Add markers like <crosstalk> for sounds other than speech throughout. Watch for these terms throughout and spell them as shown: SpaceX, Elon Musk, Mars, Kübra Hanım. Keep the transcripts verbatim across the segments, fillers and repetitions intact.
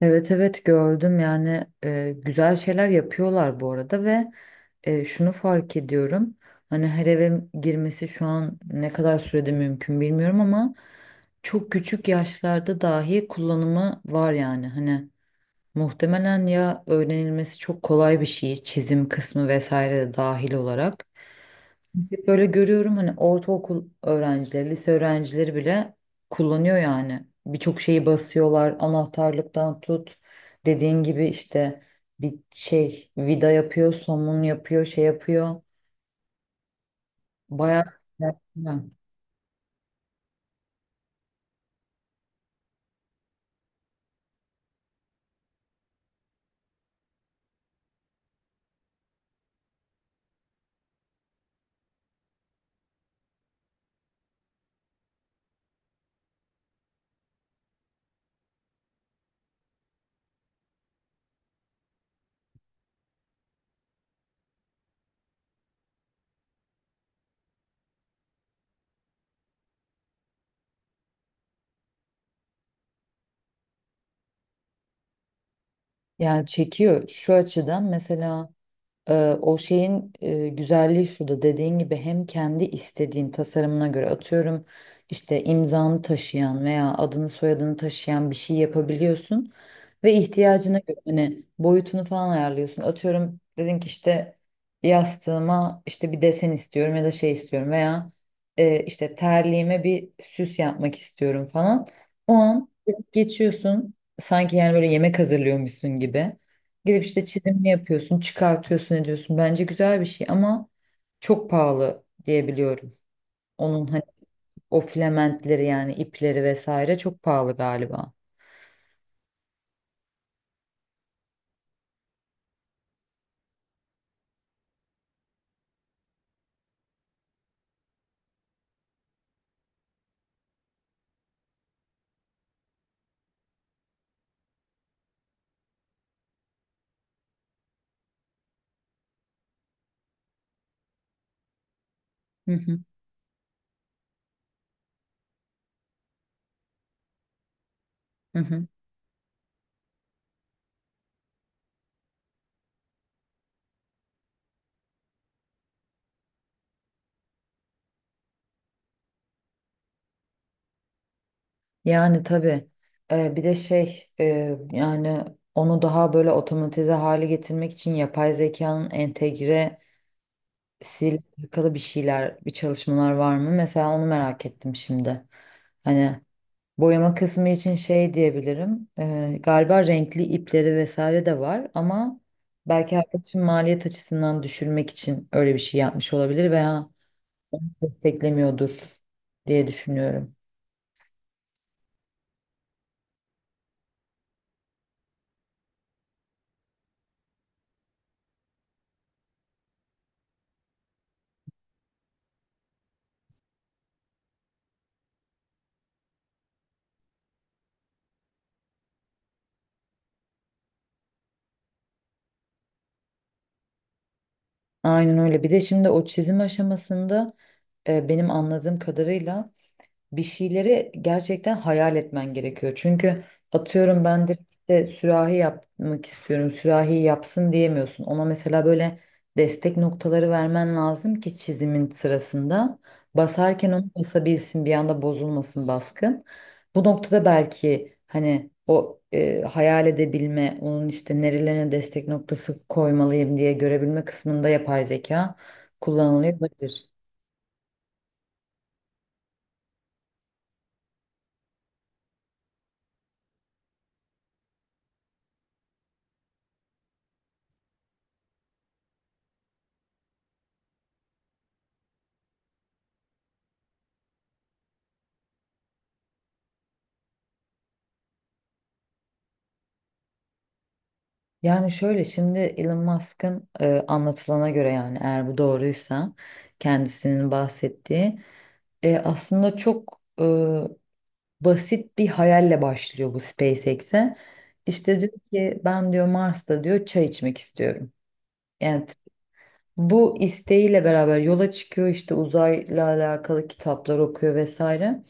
Evet, evet, gördüm. Yani e, güzel şeyler yapıyorlar bu arada. Ve e, şunu fark ediyorum, hani her eve girmesi şu an ne kadar sürede mümkün bilmiyorum ama çok küçük yaşlarda dahi kullanımı var. Yani hani muhtemelen ya öğrenilmesi çok kolay bir şey, çizim kısmı vesaire de dahil olarak. Hep böyle görüyorum, hani ortaokul öğrencileri, lise öğrencileri bile kullanıyor yani. Birçok şeyi basıyorlar. Anahtarlıktan tut. Dediğin gibi işte bir şey vida yapıyor, somun yapıyor, şey yapıyor. Bayağı. Yani çekiyor şu açıdan. Mesela Ee, o şeyin e, güzelliği şurada, dediğin gibi hem kendi istediğin tasarımına göre, atıyorum işte imzanı taşıyan veya adını soyadını taşıyan bir şey yapabiliyorsun ve ihtiyacına göre hani boyutunu falan ayarlıyorsun. Atıyorum dedin ki işte yastığıma işte bir desen istiyorum ya da şey istiyorum veya e, işte terliğime bir süs yapmak istiyorum falan. O an geçiyorsun sanki, yani böyle yemek hazırlıyormuşsun gibi. Gidip işte çizimini yapıyorsun, çıkartıyorsun, ediyorsun. Bence güzel bir şey ama çok pahalı diye biliyorum. Onun hani o filamentleri yani ipleri vesaire çok pahalı galiba. Hı hı, hı hı. Yani tabii. Ee, bir de şey, e, yani onu daha böyle otomatize hale getirmek için yapay zekanın entegresiyle alakalı bir şeyler, bir çalışmalar var mı? Mesela onu merak ettim şimdi. Hani boyama kısmı için şey diyebilirim. Ee, galiba renkli ipleri vesaire de var ama belki arkadaşım maliyet açısından düşürmek için öyle bir şey yapmış olabilir veya desteklemiyordur diye düşünüyorum. Aynen öyle. Bir de şimdi o çizim aşamasında e, benim anladığım kadarıyla bir şeyleri gerçekten hayal etmen gerekiyor. Çünkü atıyorum ben direkt de sürahi yapmak istiyorum, sürahi yapsın diyemiyorsun. Ona mesela böyle destek noktaları vermen lazım ki çizimin sırasında basarken onu basabilsin, bir anda bozulmasın baskın. Bu noktada belki hani o e, hayal edebilme, onun işte nerelerine destek noktası koymalıyım diye görebilme kısmında yapay zeka kullanılıyor olabilir. Yani şöyle, şimdi Elon Musk'ın e, anlatılana göre, yani eğer bu doğruysa, kendisinin bahsettiği, e, aslında çok e, basit bir hayalle başlıyor bu SpaceX'e. İşte diyor ki ben diyor Mars'ta diyor çay içmek istiyorum. Yani t- bu isteğiyle beraber yola çıkıyor, işte uzayla alakalı kitaplar okuyor vesaire.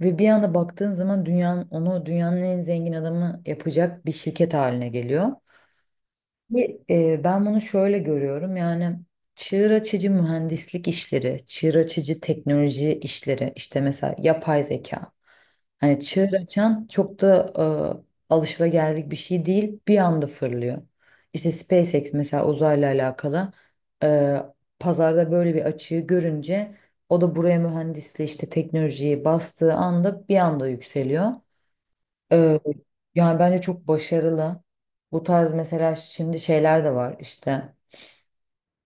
Ve bir anda baktığın zaman dünyanın onu dünyanın en zengin adamı yapacak bir şirket haline geliyor. Ki, e, ben bunu şöyle görüyorum, yani çığır açıcı mühendislik işleri, çığır açıcı teknoloji işleri, işte mesela yapay zeka. Hani çığır açan çok da e, alışılageldik bir şey değil, bir anda fırlıyor. İşte SpaceX mesela uzayla alakalı e, pazarda böyle bir açığı görünce o da buraya mühendisliği işte teknolojiyi bastığı anda bir anda yükseliyor. Ee, Yani bence çok başarılı. Bu tarz mesela şimdi şeyler de var. İşte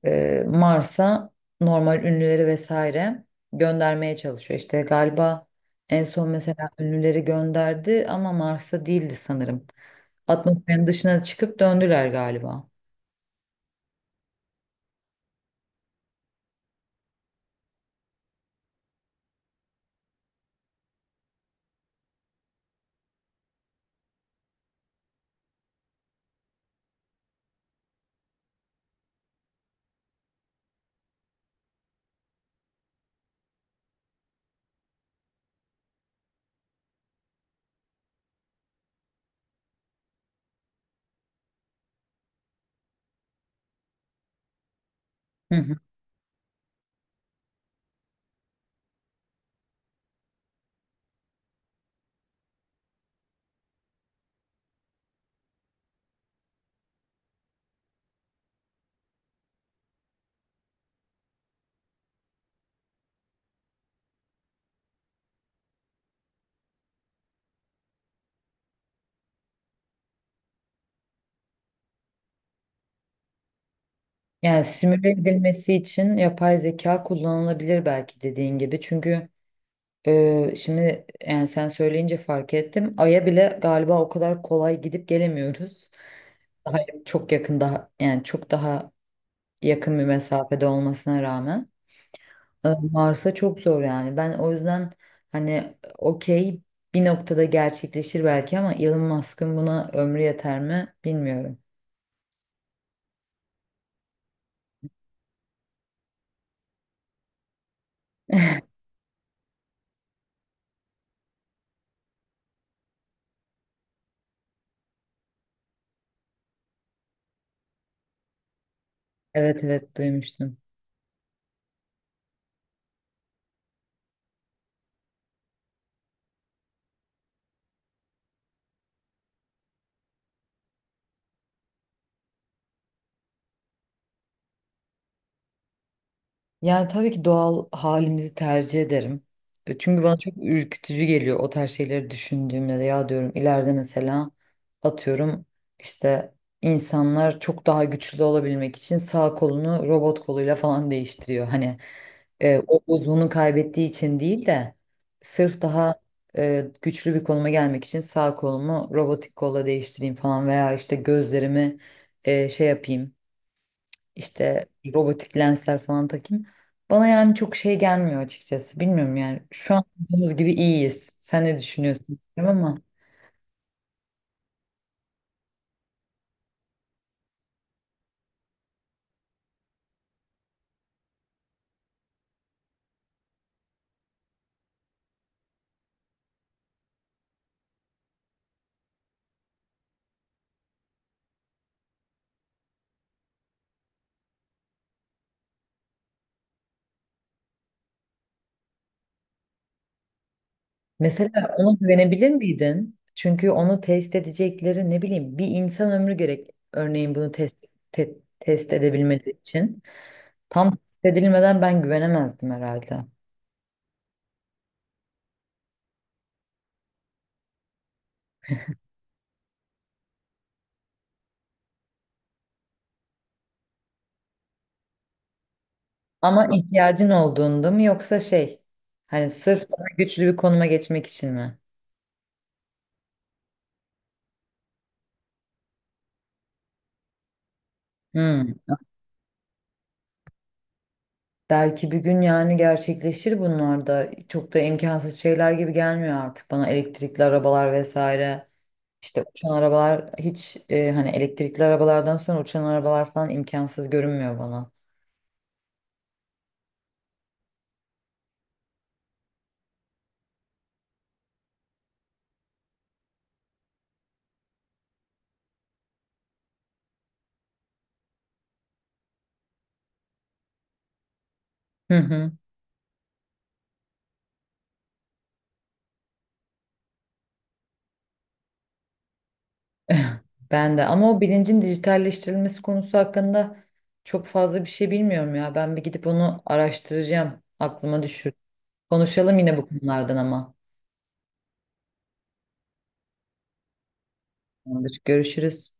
e, Mars'a normal ünlüleri vesaire göndermeye çalışıyor. İşte galiba en son mesela ünlüleri gönderdi ama Mars'a değildi sanırım. Atmosferin dışına çıkıp döndüler galiba. Hı hı. Yani simüle edilmesi için yapay zeka kullanılabilir belki, dediğin gibi. Çünkü Ee, şimdi yani sen söyleyince fark ettim. Ay'a bile galiba o kadar kolay gidip gelemiyoruz. Daha çok yakın, daha yani çok daha yakın bir mesafede olmasına rağmen. Ee, Mars'a çok zor yani. Ben o yüzden hani okey, bir noktada gerçekleşir belki ama Elon Musk'ın buna ömrü yeter mi bilmiyorum. Evet, evet, duymuştum. Yani tabii ki doğal halimizi tercih ederim. E, Çünkü bana çok ürkütücü geliyor o tarz şeyleri düşündüğümde de, ya diyorum ileride mesela atıyorum işte insanlar çok daha güçlü olabilmek için sağ kolunu robot koluyla falan değiştiriyor. Hani e, o uzvunu kaybettiği için değil de sırf daha e, güçlü bir konuma gelmek için sağ kolumu robotik kolla değiştireyim falan veya işte gözlerimi e, şey yapayım, işte robotik lensler falan takayım. Bana yani çok şey gelmiyor açıkçası. Bilmiyorum yani. Şu an olduğumuz gibi iyiyiz. Sen ne düşünüyorsun bilmiyorum ama. Mesela ona güvenebilir miydin? Çünkü onu test edecekleri ne bileyim bir insan ömrü gerek. Örneğin bunu test te- test edebilmeleri için. Tam test edilmeden ben güvenemezdim herhalde. Ama ihtiyacın olduğunda mı yoksa şey, hani sırf daha güçlü bir konuma geçmek için mi? Hmm. Belki bir gün yani gerçekleşir bunlar da. Çok da imkansız şeyler gibi gelmiyor artık bana, elektrikli arabalar vesaire. İşte uçan arabalar hiç, e, hani elektrikli arabalardan sonra uçan arabalar falan imkansız görünmüyor bana. Hı hı. <laughs> Ben de ama o bilincin dijitalleştirilmesi konusu hakkında çok fazla bir şey bilmiyorum ya. Ben bir gidip onu araştıracağım. Aklıma düşür. Konuşalım yine bu konulardan ama. Tamamdır. Görüşürüz.